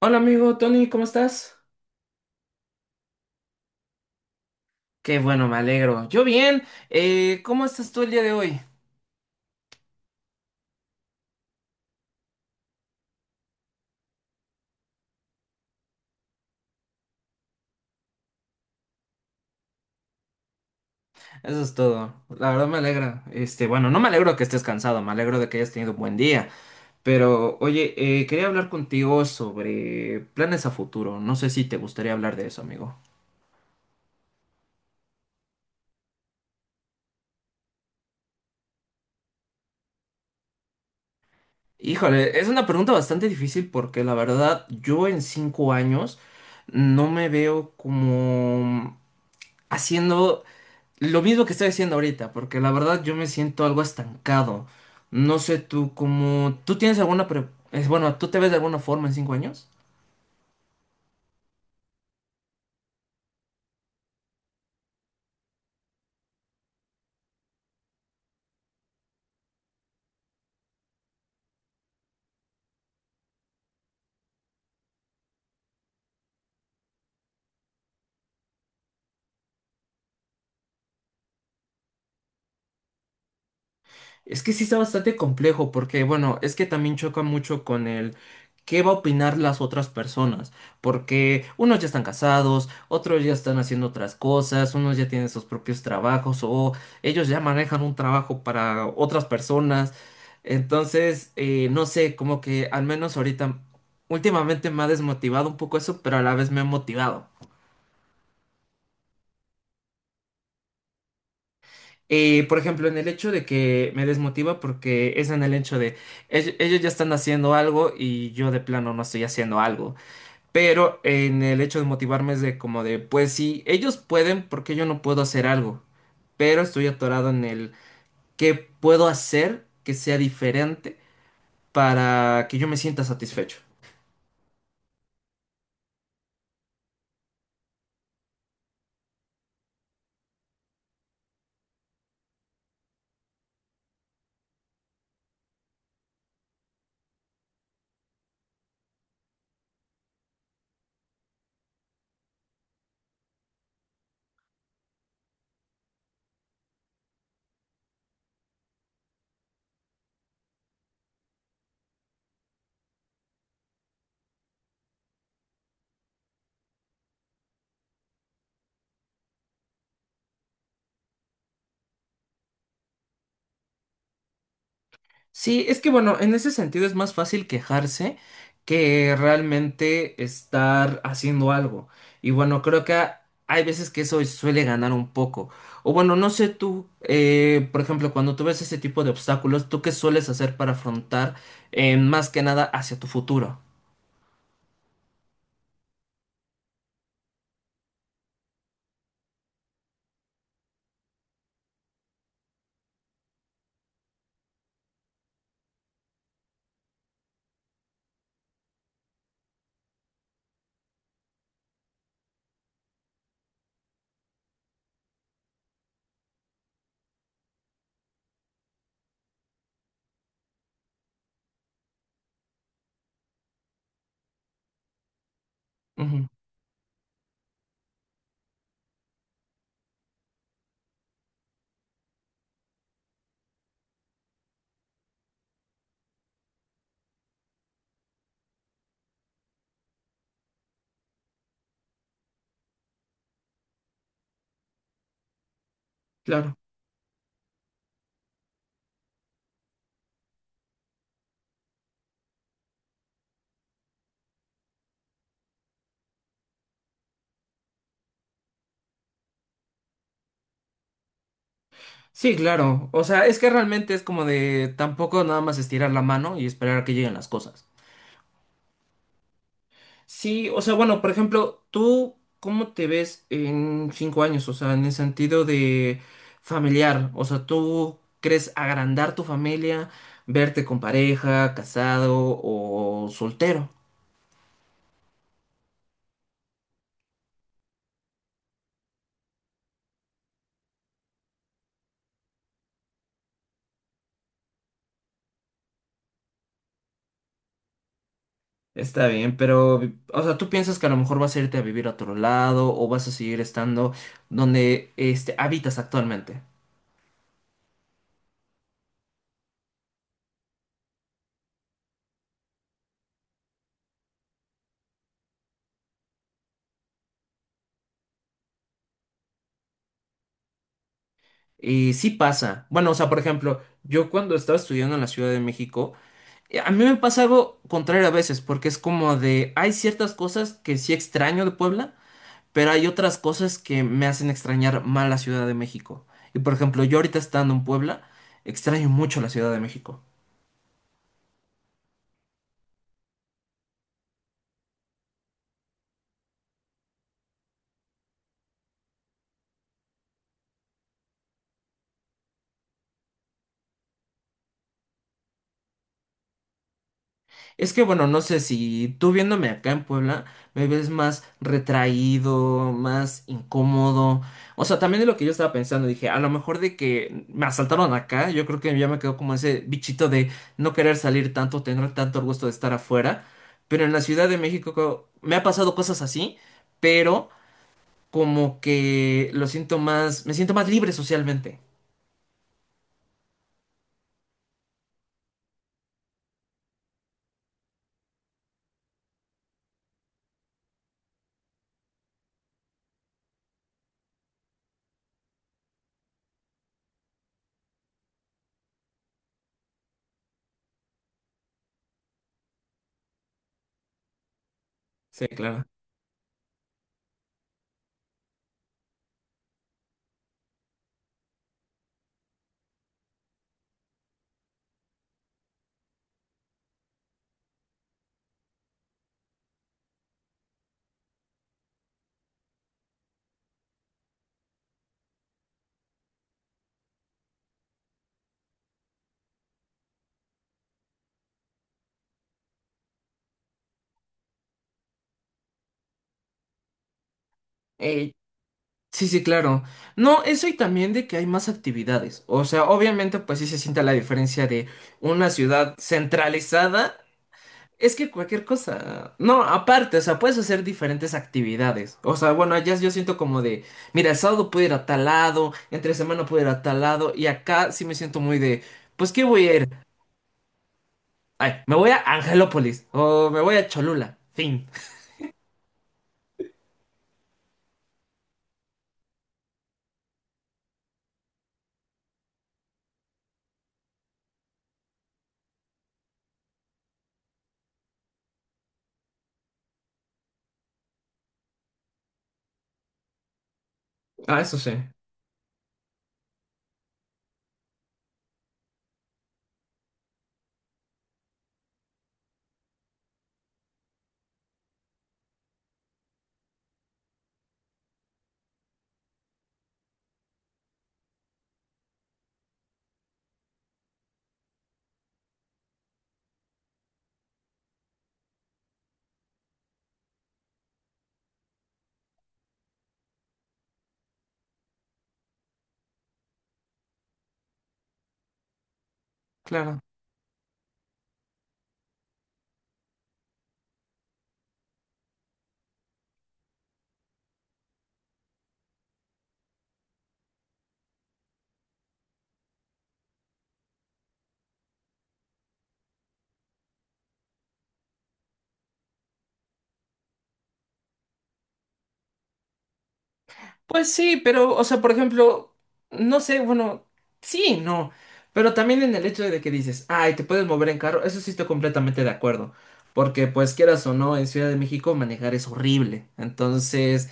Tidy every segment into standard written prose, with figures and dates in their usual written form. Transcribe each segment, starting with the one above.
Hola amigo Tony, ¿cómo estás? Qué bueno, me alegro. Yo bien. ¿Cómo estás tú el día de hoy? Eso es todo. La verdad me alegra. Este, bueno, no me alegro que estés cansado, me alegro de que hayas tenido un buen día. Pero, oye, quería hablar contigo sobre planes a futuro. No sé si te gustaría hablar de eso, amigo. Híjole, es una pregunta bastante difícil porque la verdad yo en 5 años no me veo como haciendo lo mismo que estoy haciendo ahorita, porque la verdad yo me siento algo estancado. No sé tú cómo... ¿Tú tienes alguna... bueno, ¿tú te ves de alguna forma en 5 años? Es que sí está bastante complejo porque, bueno, es que también choca mucho con el qué va a opinar las otras personas, porque unos ya están casados, otros ya están haciendo otras cosas, unos ya tienen sus propios trabajos o ellos ya manejan un trabajo para otras personas. Entonces, no sé, como que al menos ahorita, últimamente me ha desmotivado un poco eso, pero a la vez me ha motivado. Por ejemplo, en el hecho de que me desmotiva porque es en el hecho de ellos, ya están haciendo algo y yo de plano no estoy haciendo algo. Pero en el hecho de motivarme es de como de, pues si ellos pueden, ¿por qué yo no puedo hacer algo? Pero estoy atorado en el qué puedo hacer que sea diferente para que yo me sienta satisfecho. Sí, es que bueno, en ese sentido es más fácil quejarse que realmente estar haciendo algo. Y bueno, creo que hay veces que eso suele ganar un poco. O bueno, no sé tú, por ejemplo, cuando tú ves ese tipo de obstáculos, ¿tú qué sueles hacer para afrontar más que nada hacia tu futuro? Ujú, claro. Sí, claro. O sea, es que realmente es como de tampoco nada más estirar la mano y esperar a que lleguen las cosas. Sí, o sea, bueno, por ejemplo, ¿tú cómo te ves en 5 años? O sea, en el sentido de familiar. O sea, ¿tú crees agrandar tu familia, verte con pareja, casado o soltero? Está bien, pero, o sea, ¿tú piensas que a lo mejor vas a irte a vivir a otro lado o vas a seguir estando donde este, habitas actualmente? Y sí pasa. Bueno, o sea, por ejemplo, yo cuando estaba estudiando en la Ciudad de México, a mí me pasa algo contrario a veces, porque es como de, hay ciertas cosas que sí extraño de Puebla, pero hay otras cosas que me hacen extrañar más la Ciudad de México. Y por ejemplo, yo ahorita estando en Puebla, extraño mucho la Ciudad de México. Es que bueno, no sé si tú viéndome acá en Puebla me ves más retraído, más incómodo. O sea, también de lo que yo estaba pensando, dije, a lo mejor de que me asaltaron acá, yo creo que ya me quedó como ese bichito de no querer salir tanto, tener tanto el gusto de estar afuera. Pero en la Ciudad de México me ha pasado cosas así, pero como que lo siento más, me siento más libre socialmente. Sí, claro. Eh, Sí, sí, claro. No, eso y también de que hay más actividades. O sea, obviamente, pues sí se siente la diferencia de una ciudad centralizada. Es que cualquier cosa. No, aparte, o sea, puedes hacer diferentes actividades. O sea, bueno, allá yo siento como de, mira, el sábado puedo ir a tal lado, entre semana puedo ir a tal lado, y acá sí me siento muy de, pues, ¿qué voy a ir? Ay, me voy a Angelópolis, o me voy a Cholula, fin. Ah, eso sí. Claro. Pues sí, pero, o sea, por ejemplo, no sé, bueno, sí, y no, pero también en el hecho de que dices, ay, te puedes mover en carro, eso sí estoy completamente de acuerdo, porque pues quieras o no, en Ciudad de México manejar es horrible, entonces,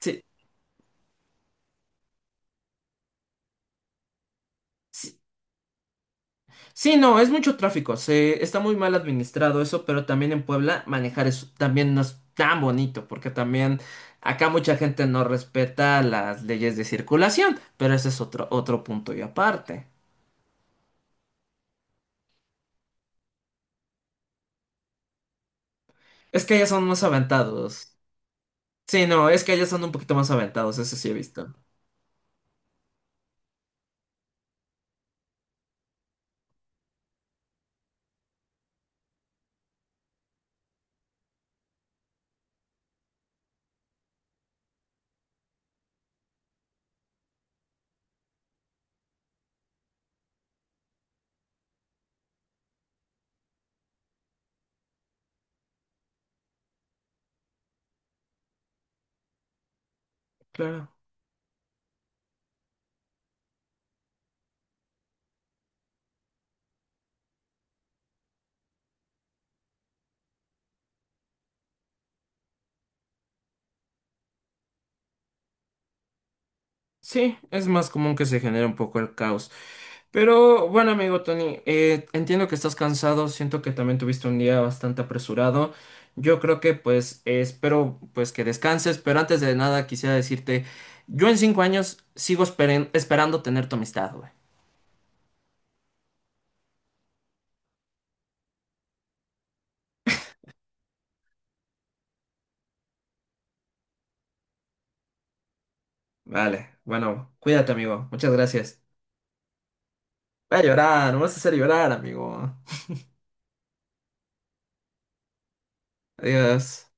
sí, sí, sí, no, es mucho tráfico, se, está muy mal administrado eso, pero también en Puebla manejar es, también no es tan bonito, porque también acá mucha gente no respeta las leyes de circulación, pero ese es otro punto y aparte. Es que ya son más aventados. Sí, no, es que allá son un poquito más aventados, eso sí he visto. Claro. Sí, es más común que se genere un poco el caos. Pero bueno, amigo Tony, entiendo que estás cansado, siento que también tuviste un día bastante apresurado. Yo creo que pues espero pues que descanses, pero antes de nada quisiera decirte, yo en cinco años sigo esperando tener tu amistad, güey. Vale, bueno, cuídate, amigo. Muchas gracias. Va a llorar, no vas a hacer llorar, amigo. Adiós.